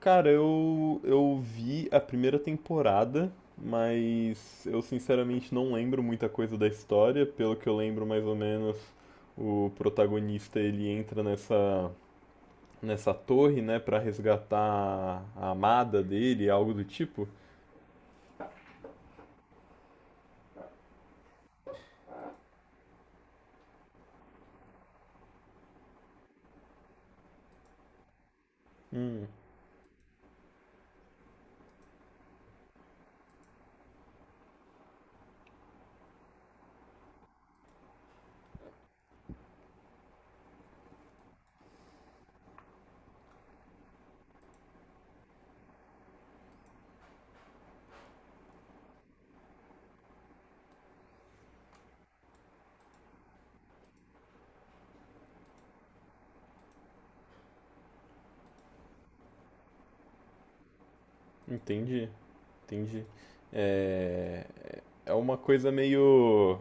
Cara, eu vi a primeira temporada, mas eu sinceramente não lembro muita coisa da história. Pelo que eu lembro, mais ou menos, o protagonista ele entra nessa torre, né, pra resgatar a amada dele, algo do tipo. Entendi, entendi. É, é uma coisa meio.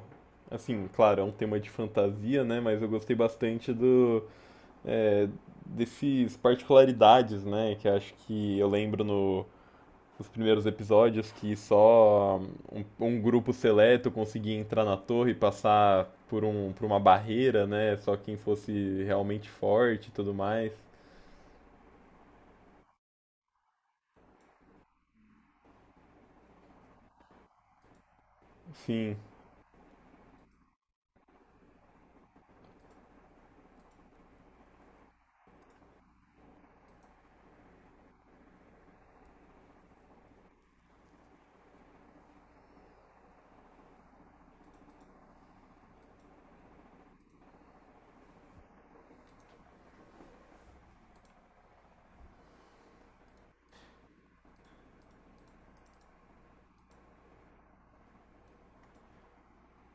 Assim, claro, é um tema de fantasia, né, mas eu gostei bastante do é, desses particularidades, né? Que acho que eu lembro no, nos primeiros episódios que só um grupo seleto conseguia entrar na torre e passar por, um, por uma barreira, né? Só quem fosse realmente forte e tudo mais. Sim,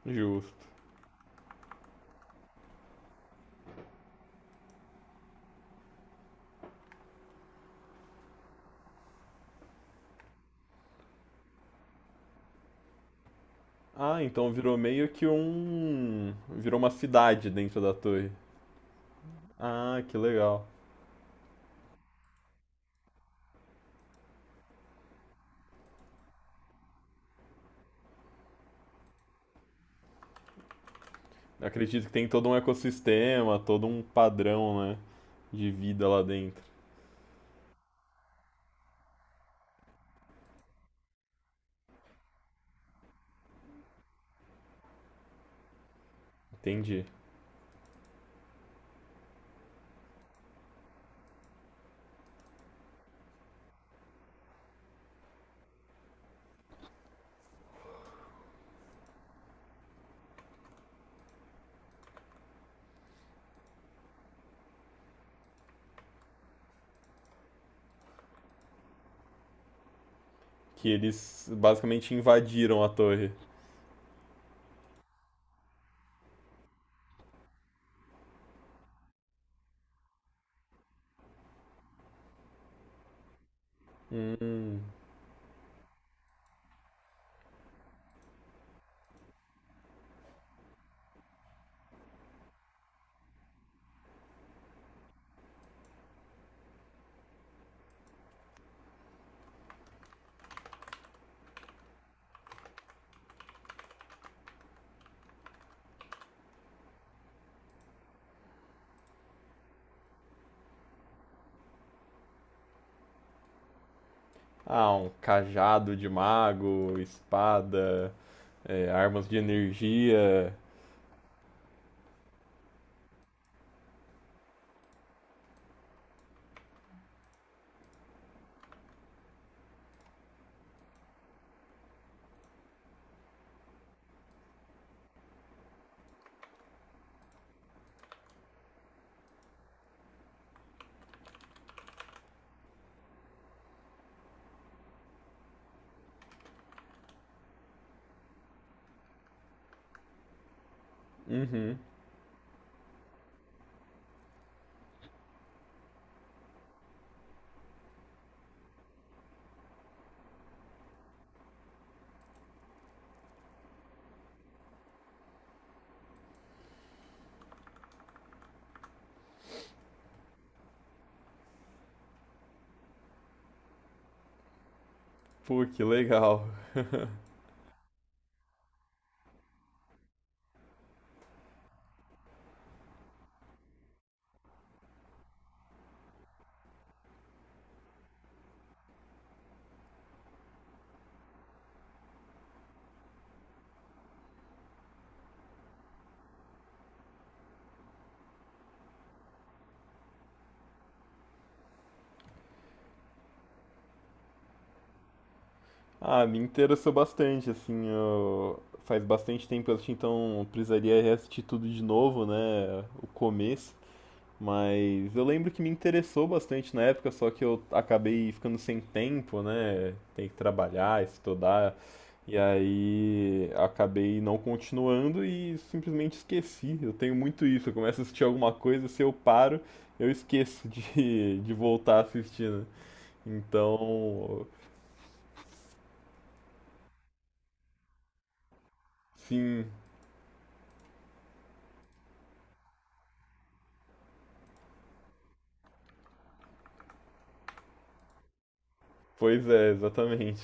justo. Ah, então virou meio que um. Virou uma cidade dentro da torre. Ah, que legal. Eu acredito que tem todo um ecossistema, todo um padrão, né? De vida lá dentro. Entendi. Que eles basicamente invadiram a torre. Hum. Ah, um cajado de mago, espada, é, armas de energia. Uhum. Pô, que legal. Ah, me interessou bastante, assim, eu- faz bastante tempo que eu assisti, então eu precisaria assistir tudo de novo, né? O começo. Mas eu lembro que me interessou bastante na época, só que eu acabei ficando sem tempo, né? Tem que trabalhar, estudar, e aí acabei não continuando e simplesmente esqueci. Eu tenho muito isso, eu começo a assistir alguma coisa, se eu paro, eu esqueço de, de voltar a assistir, né? Então, sim, pois é, exatamente.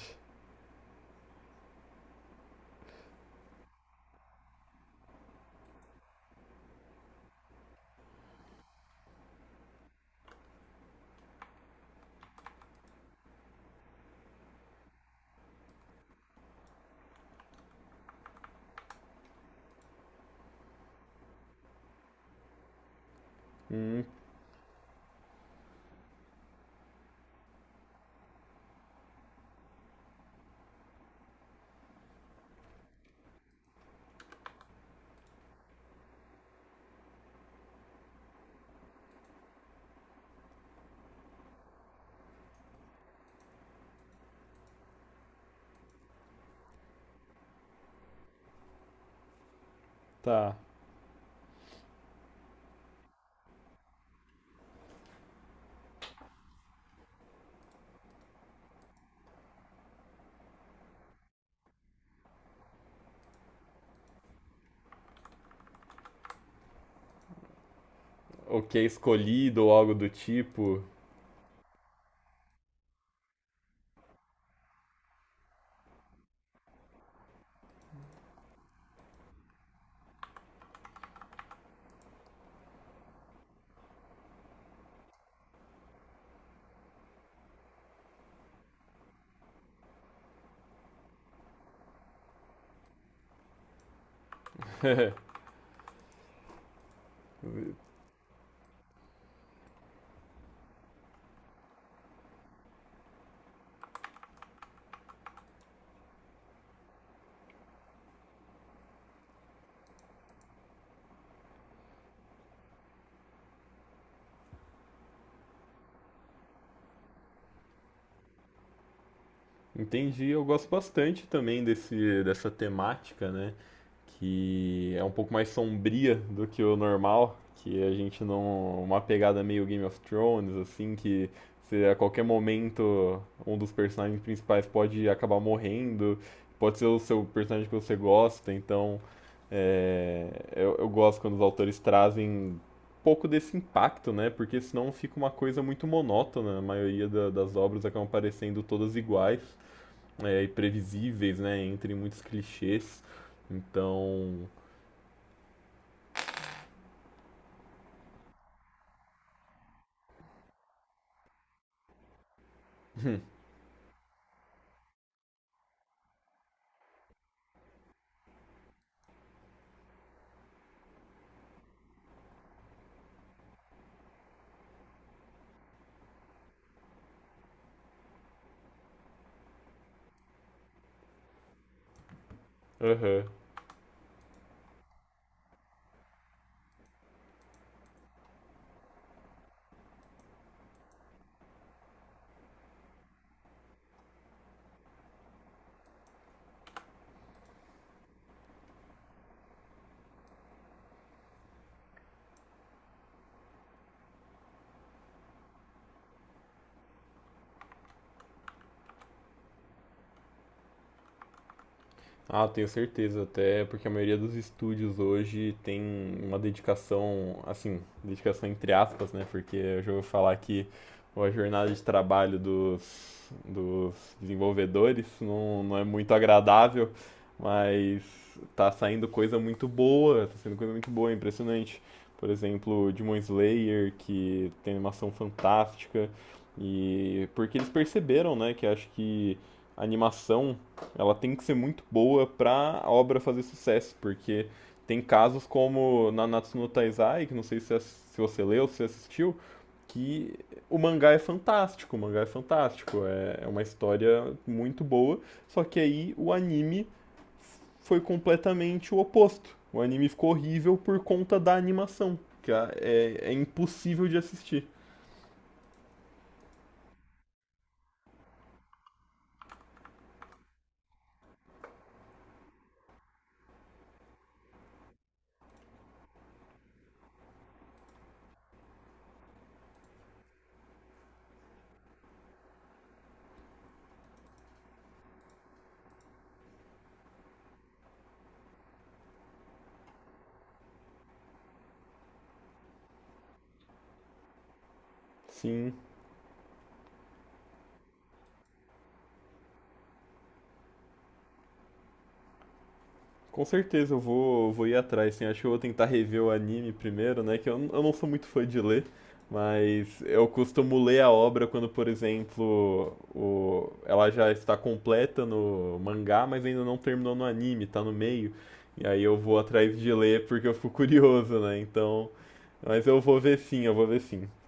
Hum, tá. Ok, escolhido ou algo do tipo. Entendi, eu gosto bastante também dessa temática, né? Que é um pouco mais sombria do que o normal, que a gente não. Uma pegada meio Game of Thrones, assim, que se a qualquer momento um dos personagens principais pode acabar morrendo, pode ser o seu personagem que você gosta, então é, eu gosto quando os autores trazem um pouco desse impacto, né? Porque senão fica uma coisa muito monótona, a maioria da- das obras acabam parecendo todas iguais e previsíveis, né? Entre muitos clichês. Então. Aham. Ah, tenho certeza, até porque a maioria dos estúdios hoje tem uma dedicação, assim, dedicação entre aspas, né? Porque eu já ouvi falar que a jornada de trabalho dos desenvolvedores não é muito agradável, mas tá saindo coisa muito boa, tá saindo coisa muito boa, é impressionante. Por exemplo, Demon Slayer, que tem animação fantástica, e porque eles perceberam, né, que acho que a animação ela tem que ser muito boa pra a obra fazer sucesso, porque tem casos como Nanatsu no Taizai, que não sei se, se você leu, se assistiu, que o mangá é fantástico, o mangá é fantástico, é uma história muito boa, só que aí o anime foi completamente o oposto. O anime ficou horrível por conta da animação, que é impossível de assistir. Sim, com certeza eu vou, vou ir atrás, sim. Acho que eu vou tentar rever o anime primeiro, né? Que eu, n- eu não sou muito fã de ler, mas eu costumo ler a obra quando, por exemplo, o, ela já está completa no mangá, mas ainda não terminou no anime, tá no meio. E aí eu vou atrás de ler porque eu fico curioso, né? Então, mas eu vou ver sim, eu vou ver sim.